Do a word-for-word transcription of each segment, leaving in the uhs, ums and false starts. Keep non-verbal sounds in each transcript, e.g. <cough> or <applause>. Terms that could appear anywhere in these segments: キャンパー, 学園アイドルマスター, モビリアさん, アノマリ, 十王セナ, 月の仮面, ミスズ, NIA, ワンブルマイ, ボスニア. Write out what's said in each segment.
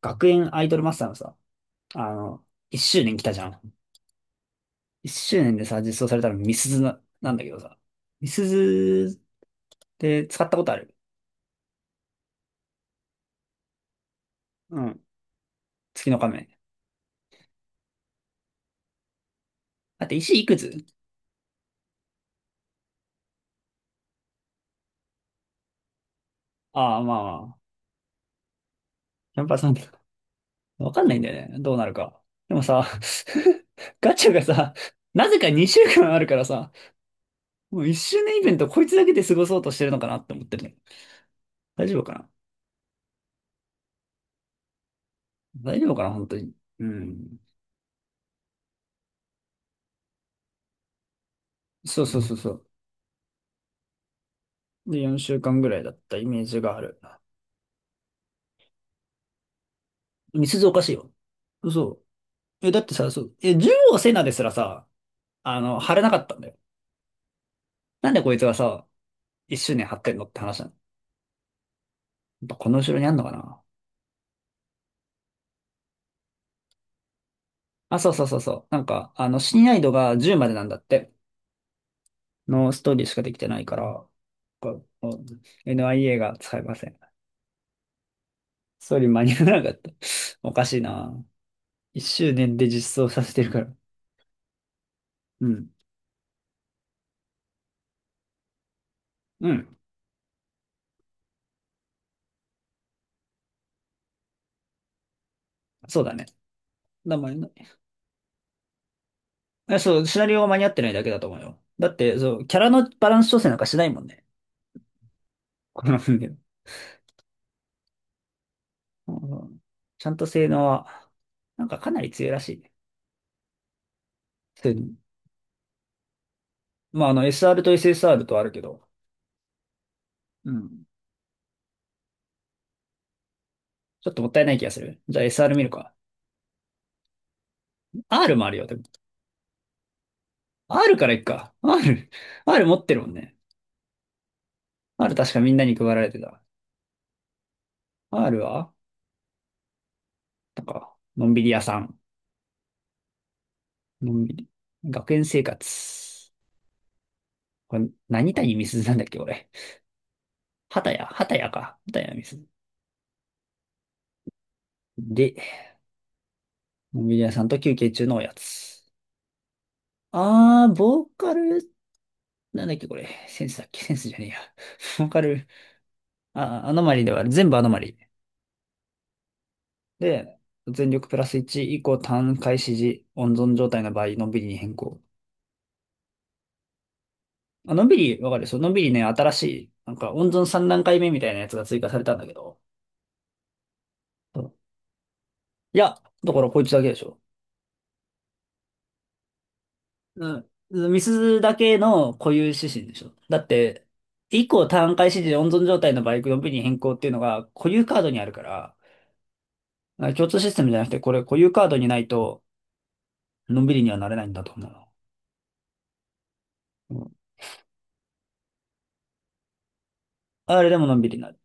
学園アイドルマスターのさ、あの、一周年来たじゃん。一周年でさ、実装されたのミスズな、なんだけどさ。ミスズって使ったことある？うん。月の仮面。だって石いくつ？ああ、まあまあ。キャンパーさん、わかんないんだよね。どうなるか。でもさ、<laughs> ガチャがさ、なぜかにしゅうかんあるからさ、もういっしゅうねんイベントこいつだけで過ごそうとしてるのかなって思ってるね。大丈夫かな？大丈夫かな本当に。うん。そうそうそうそう。で、よんしゅうかんぐらいだったイメージがある。みすずおかしいよ。嘘。え、だってさ、そう、え、十王セナですらさ、あの、貼れなかったんだよ。なんでこいつがさ、一周年貼ってんのって話なの。やっぱこの後ろにあんのかな。あ、そうそうそうそう。なんか、あの、親愛度がじゅうまでなんだって。のストーリーしかできてないから、ここ エヌアイエー が使えません。ストーリー間に合わなかった。<laughs> おかしいな。一周年で実装させてるから。うん。うん。そうだね。名前えそう、シナリオが間に合ってないだけだと思うよ。だって、そう、キャラのバランス調整なんかしないもんね。この分野。うんうん。ちゃんと性能は、なんかかなり強いらしいね。そういうの。まあ、あの、エスアール と エスエスアール とあるけど、うん。ちょっともったいない気がする。じゃあ エスアール 見るか。R もあるよ、でも。R からいっか。R、<laughs> R 持ってるもんね。R 確かみんなに配られてた。R は、なんか、のんびり屋さん。のんびり。学園生活。これ、何谷みすずなんだっけ、俺。畑谷、畑谷か。畑谷みすず。で、モビリアさんと休憩中のおやつ。あー、ボーカル、なんだっけこれ。センスだっけ。 <laughs> センスじゃねえや。<laughs> ボーカル、あ、アノマリではある、全部アノマリ。で、全力プラスいち以降単回指示、温存状態の場合、のんびりに変更。あ、のんびり、わかる、そのんびりね、新しい、なんか温存さん段階目みたいなやつが追加されたんだけど。そういや、だからこいつだけでしょ。うん。ミスだけの固有指針でしょ。だって、以降単回指示温存状態のバイク よんブイ に変更っていうのが固有カードにあるから、あ、共通システムじゃなくて、これ固有カードにないと、のんびりにはなれないんだと思うの。うん。あれでものんびりになる。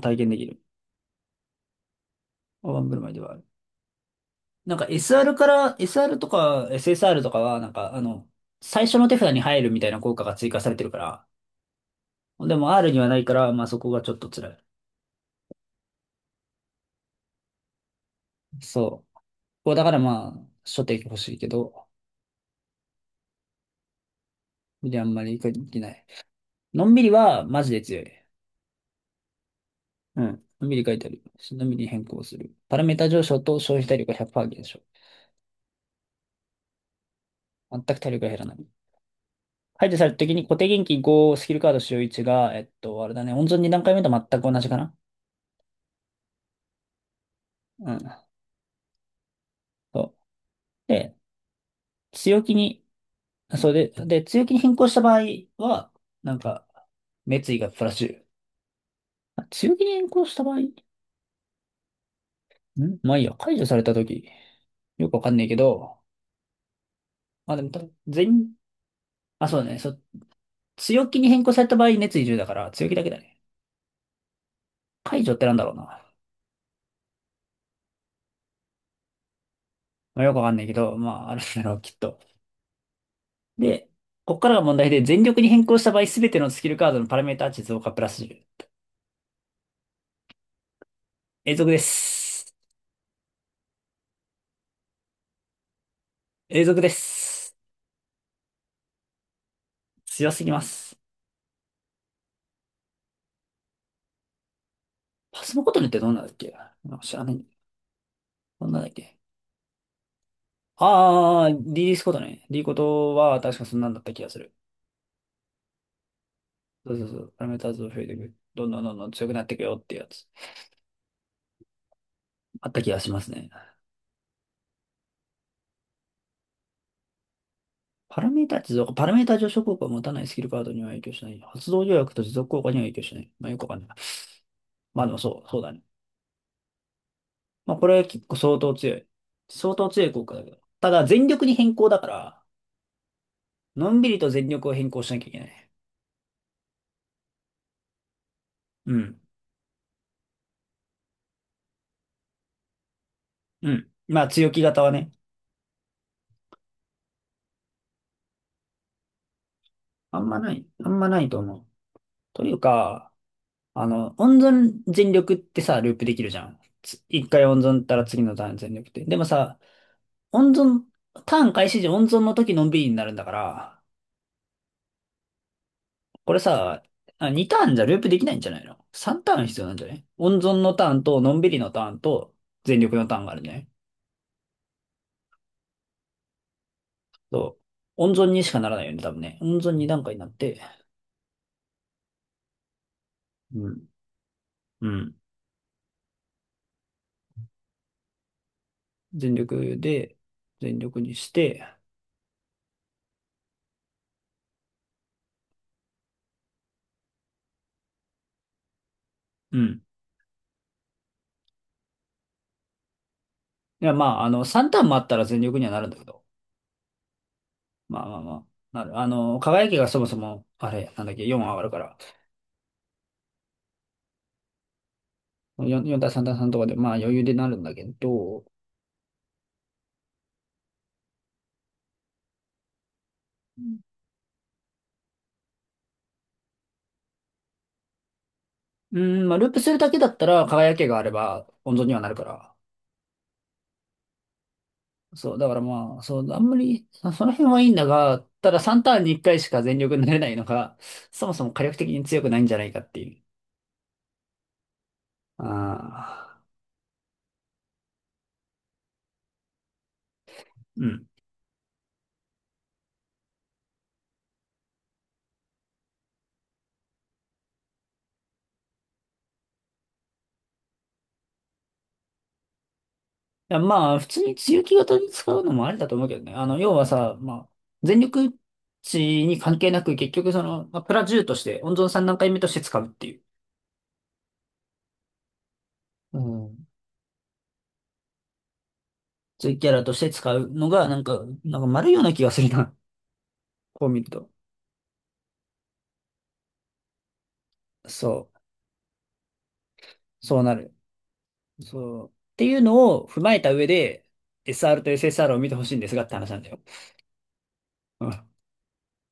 体験できる。ワンブルマイではある。なんか エスアール から、エスアール とか エスエスアール とかは、なんかあの、最初の手札に入るみたいな効果が追加されてるから、でも R にはないから、まあそこがちょっと辛い。そう。こうだからまあ、初手欲しいけど、で、あんまり書いてない。のんびりは、マジで強い。うん。のんびり書いてある。のんびり変更する。パラメータ上昇と消費体力がひゃくパーセント減少。全く体力が減らない。排除された時に固定元気ごスキルカード使用いちが、えっと、あれだね、温存に段階目と全く同じかな。うん。そう。で、強気に、それで、で、強気に変更した場合は、なんか、滅意がプラスじゅう、あ、強気に変更した場合ん、まあいいや、解除された時よくわかんないけど、まあでも多分全員、あ、そうだね。そ、強気に変更された場合、熱意じゅうだから、強気だけだね。解除ってなんだろうな。まあ、よくわかんないけど、まあ、あるんだろう、きっと。で、こっからが問題で、全力に変更した場合、すべてのスキルカードのパラメータ値増加プラスじゅう。永続です。永続です。強すぎます。パスのことねってどんなんだっけ？なんか知らない。どんなんだっけ？あー、リリースことね。リことは、確かそんなんだった気がする。そうそうそう。パラメータ増えていく。どんどんどんどん強くなっていくよってやつ。あった気がしますね。パラメータ持続、パラメータ上昇効果を持たないスキルカードには影響しない。発動条約と持続効果には影響しない。まあよくわかんない。まあでもそう、そうだね。まあこれは結構相当強い。相当強い効果だけど。ただ全力に変更だから、のんびりと全力を変更しなきゃいけない。うん。うん。まあ強気型はね、あんまない、あんまないと思う。というか、あの、温存全力ってさ、ループできるじゃん。つ、一回温存ったら次のターン全力って。でもさ、温存、ターン開始時温存の時のんびりになるんだから、これさ、あ、にターンじゃループできないんじゃないの？ さん ターン必要なんじゃない？温存のターンと、のんびりのターンと、全力のターンがあるね。そう。温存にしかならないよね、多分ね。温存に段階になって、うん。うん。全力で、全力にして、うん。いや、まあ、あの、さんターンもあったら全力にはなるんだけど。まあまあまあ。なる。あの、輝きがそもそも、あれ、なんだっけ、よん上がるから、よん、よん対さん対さんとかで、まあ余裕でなるんだけど、うん、まあ、ループするだけだったら、輝きがあれば、温存にはなるから。そう、だからまあ、そう、あんまり、そ、その辺はいいんだが、たださんターンにいっかいしか全力になれないのが、そもそも火力的に強くないんじゃないかっていう。ああ、うん。いや、まあ、普通に強気型に使うのもありだと思うけどね。あの、要はさ、まあ、全力値に関係なく、結局その、まあ、プラじゅうとして、温存さん段階目として使うっていう。うん。強いキャラとして使うのが、なんか、なんか丸いような気がするな。こう見ると。そう。そうなる。そう。っていうのを踏まえた上で、エスアール と エスエスアール を見てほしいんですがって話なんだよ。うん。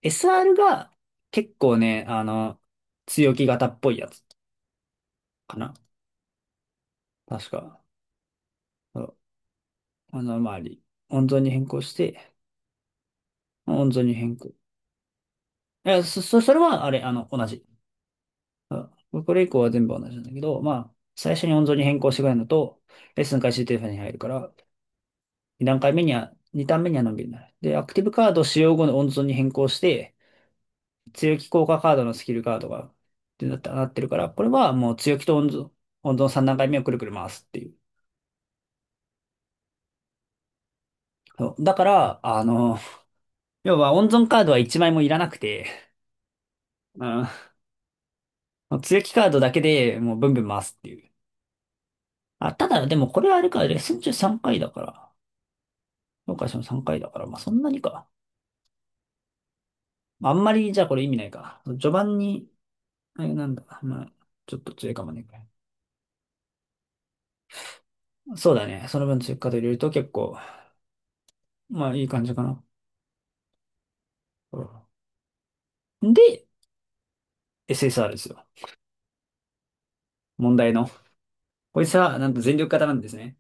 エスアール が結構ね、あの、強気型っぽいやつかな。確か。そう。あの、周り。温存に変更して、温存に変更。いや、そ、そ、それは、あれ、あの、同じ。うん。これ以降は全部同じなんだけど、まあ、最初に温存に変更してくれるのと、レッスン開始データに入るから、に段階目には、に段目にはのんびりになる。で、アクティブカード使用後の温存に変更して、強気効果カードのスキルカードが、ってなった、なってるから、これはもう強気と温存、温存さん段階目をくるくる回すっていう。そうだから、あの、要は温存カードはいちまいもいらなくて、うん、強気カードだけでもうブンブン回すっていう。あ、ただ、でもこれはあれか、レッスン中さんかいだから、評価してもさんかいだから、まあそんなにか。あんまり、じゃあこれ意味ないか。序盤に、あれなんだ、まあ、ちょっと強いかもね。そうだね。その分追加で入れると結構、まあいい感じかな。うん。で、エスエスアール ですよ。問題の。こいつは、なんと全力型なんですね。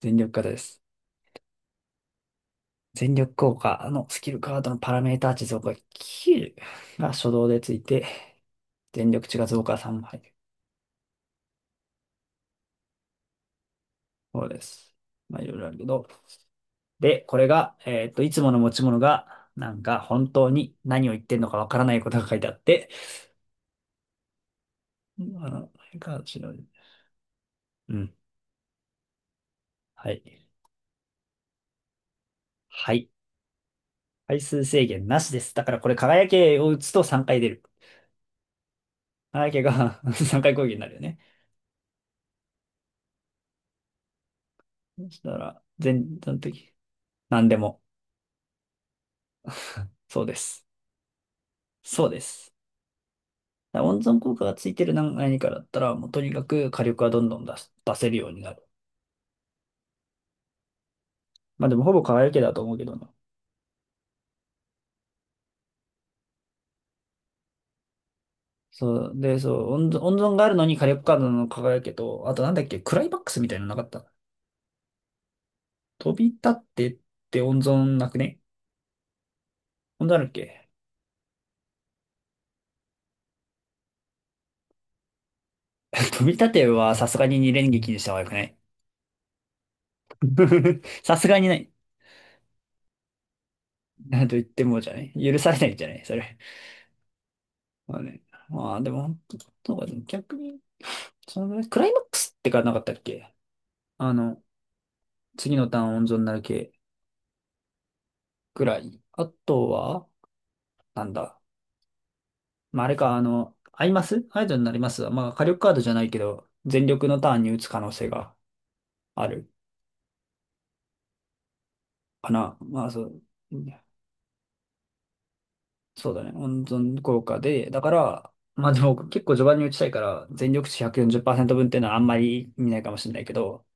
全力型です。全力効果のスキルカードのパラメータ値増加きゅうが初動でついて、全力値が増加さんばい。そうです。まあ、いろいろあるけど。で、これが、えーっと、いつもの持ち物が、なんか本当に何を言ってんのかわからないことが書いてあって、あの、がしの、うん。はい。はい。回数制限なしです。だからこれ輝けを打つとさんかい出る。輝けが <laughs> さんかい攻撃になるよね。そしたら、前、その時、何でも、そうです。そうです。だから温存効果がついてる何、何かだったら、もうとにかく火力はどんどん出す、出せるようになる。まあでもほぼ輝けだと思うけどな。そう、で、そう、温存、温存があるのに火力カードの輝けと、あとなんだっけ、クライマックスみたいなのなかった？飛び立ってって温存なくね？温存あるっけ？ <laughs> 飛び立てはさすがに二連撃にした方がよくない？ <laughs> さすがにない。なんと言ってもじゃない、許されないんじゃないそれ。まあね。まあ、でも、本当なんか逆に、そのぐらい、クライマックスってかなかったっけ？あの、次のターン温存になる系ぐらい。あとは、なんだ。まあ、あれか、あの、アイマスアイドルになりますわ。まあ、火力カードじゃないけど、全力のターンに打つ可能性があるかな。まあ、そう、そうだね。温存効果で、だから、まあでも結構序盤に打ちたいから、全力値ひゃくよんじゅうパーセント分っていうのはあんまり意味ないかもしれないけど、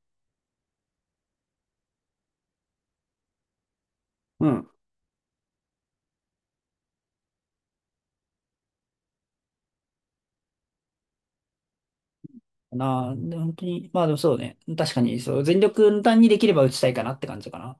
うん、なあ、で本当に、まあでもそうね。確かに、そう、全力の単にできれば打ちたいかなって感じかな。